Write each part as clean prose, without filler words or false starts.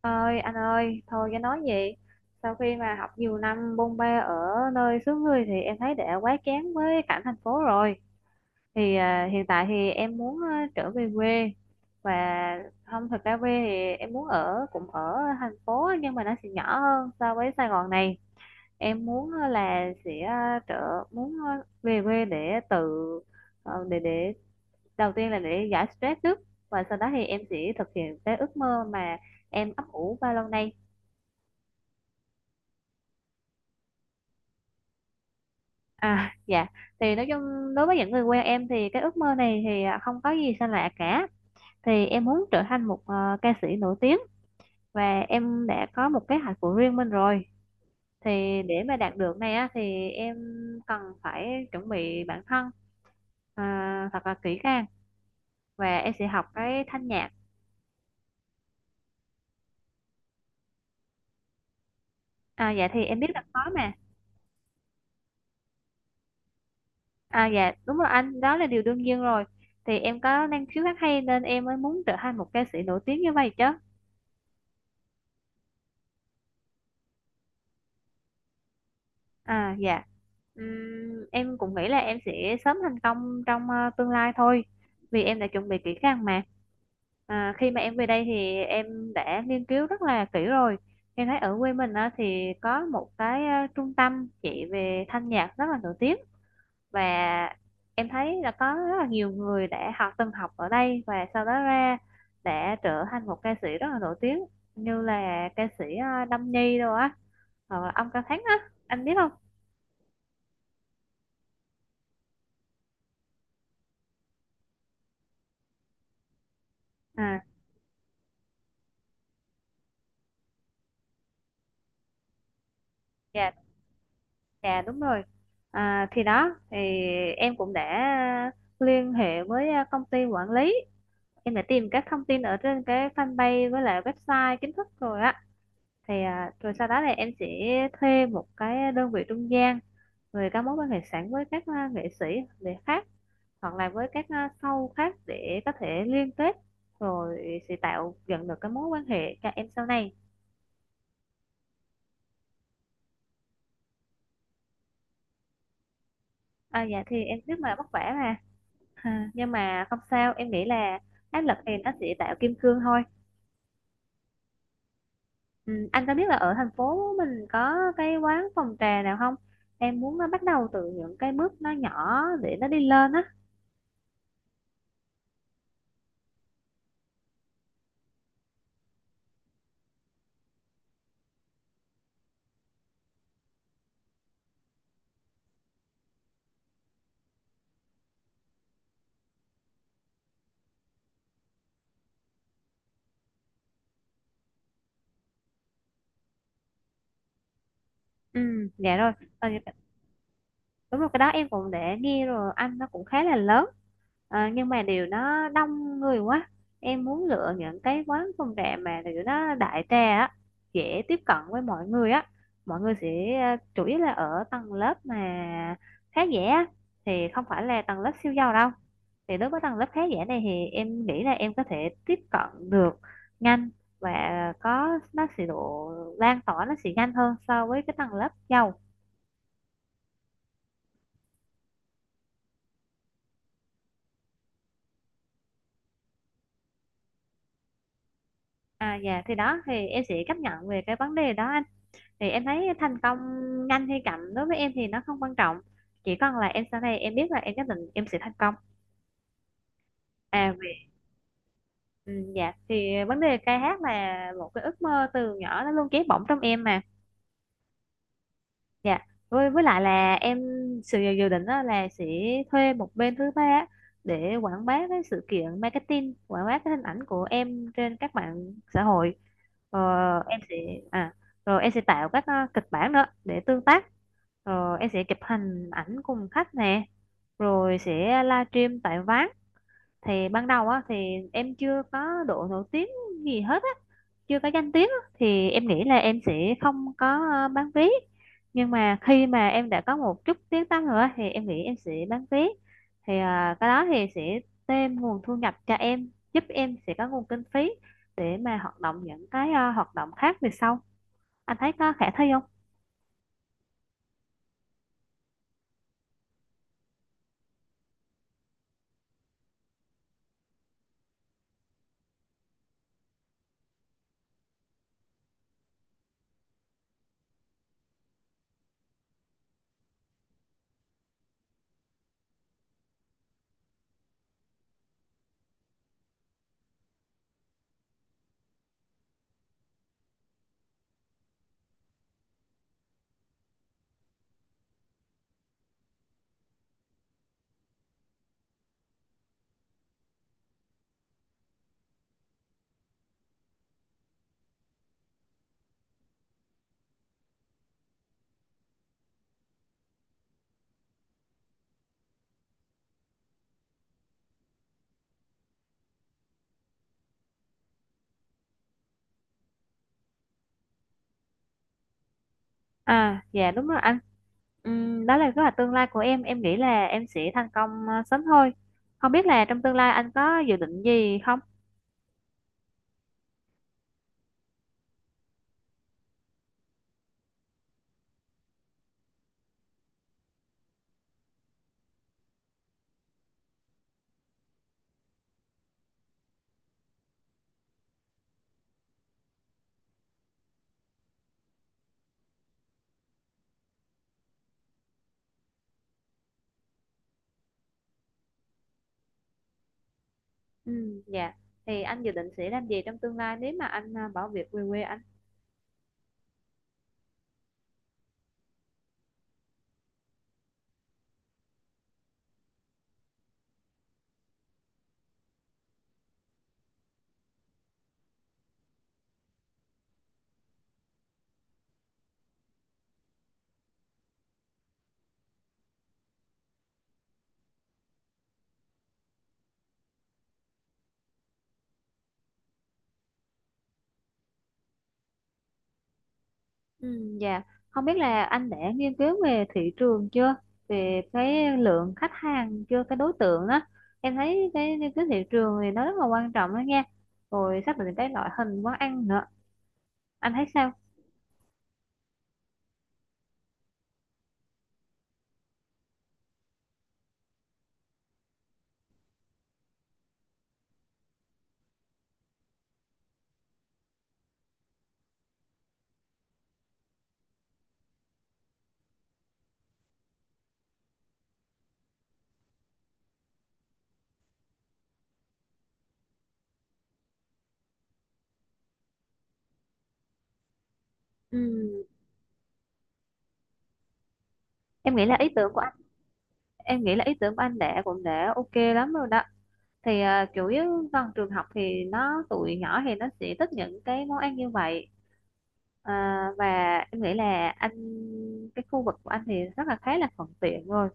Ơi anh ơi thôi cái nói gì. Sau khi mà học nhiều năm bôn ba ở nơi xứ người thì em thấy đã quá chán với cảnh thành phố rồi. Hiện tại thì em muốn trở về quê và không, thật ra quê thì em muốn ở cũng ở thành phố nhưng mà nó sẽ nhỏ hơn so với Sài Gòn này. Em muốn là sẽ trở muốn về quê để tự, để đầu tiên là để giải stress trước, và sau đó thì em sẽ thực hiện cái ước mơ mà em ấp ủ bao lâu nay. À, dạ, thì nói chung đối với những người quen em thì cái ước mơ này không có gì xa lạ cả. Thì em muốn trở thành một ca sĩ nổi tiếng, và em đã có một kế hoạch của riêng mình rồi. Thì để mà đạt được này á, thì em cần phải chuẩn bị bản thân thật là kỹ càng, và em sẽ học cái thanh nhạc. À dạ, thì em biết là khó mà. À dạ, đúng rồi anh, đó là điều đương nhiên rồi. Thì em có năng khiếu hát hay nên em mới muốn trở thành một ca sĩ nổi tiếng như vậy chứ. À dạ. Em cũng nghĩ là em sẽ sớm thành công trong tương lai thôi, vì em đã chuẩn bị kỹ càng mà. À, khi mà em về đây thì em đã nghiên cứu rất là kỹ rồi. Em thấy ở quê mình á, thì có một cái trung tâm chỉ về thanh nhạc rất là nổi tiếng, và em thấy là có rất là nhiều người đã học, từng học ở đây và sau đó ra đã trở thành một ca sĩ rất là nổi tiếng, như là ca sĩ Đâm Nhi đâu á, hoặc là ông Cao Thắng á, anh biết không? À, dạ, dạ đúng rồi. À, thì đó, thì em cũng đã liên hệ với công ty quản lý. Em đã tìm các thông tin ở trên cái fanpage với lại website chính thức rồi á. Rồi sau đó thì em sẽ thuê một cái đơn vị trung gian về các mối quan hệ sẵn với các nghệ sĩ để khác, hoặc là với các show khác để có thể liên kết, rồi sẽ tạo dựng được cái mối quan hệ cho em sau này. À, dạ thì em rất là vất vả mà. À, nhưng mà không sao, em nghĩ là áp lực thì nó sẽ tạo kim cương thôi. Ừ, anh có biết là ở thành phố mình có cái quán phòng trà nào không? Em muốn nó bắt đầu từ những cái bước nó nhỏ để nó đi lên á. Ừ, dạ rồi. Ờ, đúng rồi, cái đó em cũng để nghe rồi anh, nó cũng khá là lớn. Ờ, nhưng mà điều nó đông người quá, em muốn lựa những cái quán phong trà mà điều nó đại trà á, dễ tiếp cận với mọi người á. Mọi người sẽ chủ yếu là ở tầng lớp mà khá giả á, thì không phải là tầng lớp siêu giàu đâu. Thì đối với tầng lớp khá giả này thì em nghĩ là em có thể tiếp cận được nhanh, và có nó sẽ độ lan tỏa nó sẽ nhanh hơn so với cái tầng lớp giàu. À dạ, thì đó thì em sẽ chấp nhận về cái vấn đề đó anh. Thì em thấy thành công nhanh hay chậm đối với em thì nó không quan trọng, chỉ cần là em sau này em biết là em nhất định em sẽ thành công. À vì, ừ, dạ, thì vấn đề ca hát là một cái ước mơ từ nhỏ nó luôn cháy bỏng trong em mà. Dạ, với lại là em, sự dự dự định đó là sẽ thuê một bên thứ ba á, để quảng bá cái sự kiện marketing, quảng bá cái hình ảnh của em trên các mạng xã hội. Ờ, em sẽ, à, rồi em sẽ tạo các kịch bản nữa để tương tác. Rồi em sẽ chụp hình ảnh cùng khách nè, rồi sẽ livestream tại Ván. Thì ban đầu á thì em chưa có độ nổi tiếng gì hết á, chưa có danh tiếng á, thì em nghĩ là em sẽ không có bán vé. Nhưng mà khi mà em đã có một chút tiếng tăm rồi á, thì em nghĩ em sẽ bán vé. Cái đó thì sẽ thêm nguồn thu nhập cho em, giúp em sẽ có nguồn kinh phí để mà hoạt động những cái hoạt động khác về sau. Anh thấy có khả thi không? À, dạ đúng rồi anh. Đó là kế hoạch tương lai của em. Em nghĩ là em sẽ thành công sớm thôi. Không biết là trong tương lai anh có dự định gì không? Dạ. Thì anh dự định sẽ làm gì trong tương lai nếu mà anh bỏ việc về quê anh? Dạ. Không biết là anh đã nghiên cứu về thị trường chưa? Về cái lượng khách hàng chưa? Cái đối tượng đó. Em thấy cái nghiên cứu thị trường thì nó rất là quan trọng đó nha. Rồi xác định cái loại hình quán ăn nữa. Anh thấy sao? Ừm, em nghĩ là ý tưởng của em nghĩ là ý tưởng của anh đã cũng đã ok lắm rồi đó. Thì à, chủ yếu gần trường học thì nó tụi nhỏ thì nó sẽ thích những cái món ăn như vậy. À, và em nghĩ là anh, cái khu vực của anh thì rất là khá là thuận tiện rồi.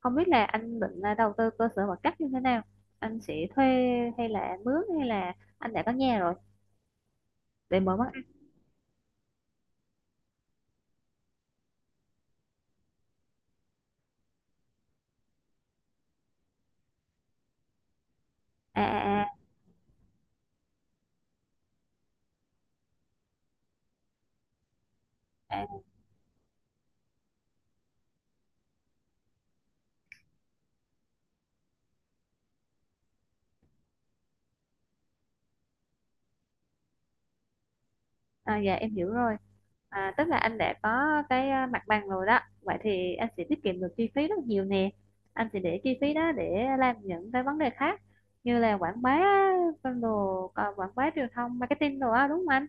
Không biết là anh định đầu tư cơ sở vật chất như thế nào, anh sẽ thuê hay là mướn, hay là anh đã có nhà rồi để mở món ăn. à à à, à, À dạ, em hiểu rồi. À, tức là anh đã có cái mặt bằng rồi đó, vậy thì anh sẽ tiết kiệm được chi phí rất nhiều nè, anh sẽ để chi phí đó để làm những cái vấn đề khác, như là quảng bá, con đồ, còn quảng bá truyền thông marketing đồ á, đúng không anh?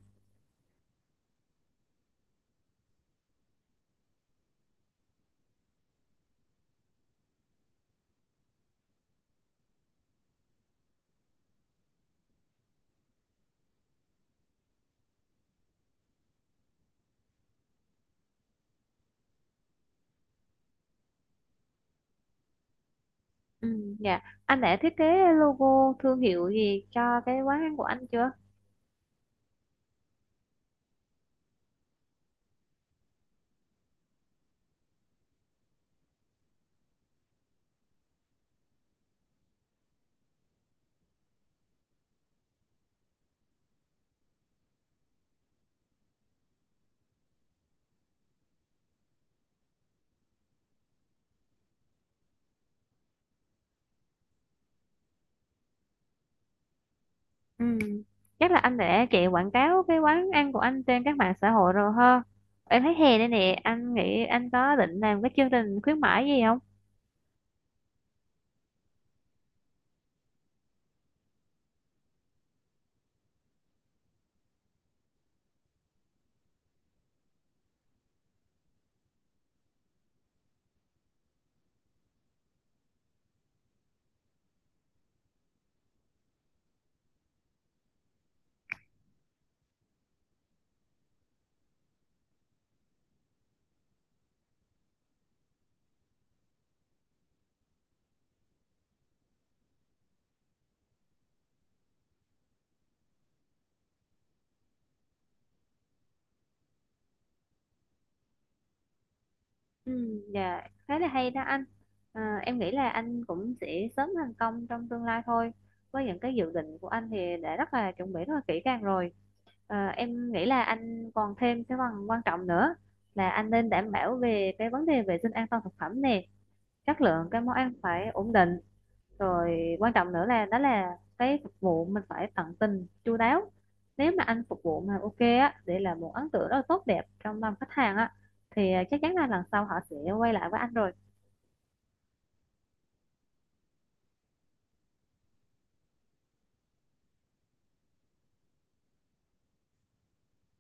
Ừ dạ, anh đã thiết kế logo thương hiệu gì cho cái quán ăn của anh chưa? Ừ, chắc là anh đã chạy quảng cáo cái quán ăn của anh trên các mạng xã hội rồi ha. Em thấy hè đây nè, anh nghĩ anh có định làm cái chương trình khuyến mãi gì không? Ừ, dạ, khá là hay đó anh. À, em nghĩ là anh cũng sẽ sớm thành công trong tương lai thôi, với những cái dự định của anh thì đã rất là chuẩn bị rất là kỹ càng rồi. À, em nghĩ là anh còn thêm cái phần quan trọng nữa, là anh nên đảm bảo về cái vấn đề vệ sinh an toàn thực phẩm nè, chất lượng cái món ăn phải ổn định. Rồi quan trọng nữa là đó là cái phục vụ mình phải tận tình chu đáo. Nếu mà anh phục vụ mà ok á, để là một ấn tượng rất là tốt đẹp trong lòng khách hàng á, thì à, chắc chắn là lần sau họ sẽ quay lại với anh rồi.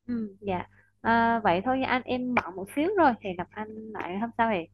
Ừ dạ. À, vậy thôi nha anh, em bận một xíu rồi thì gặp anh lại hôm sau hẹn.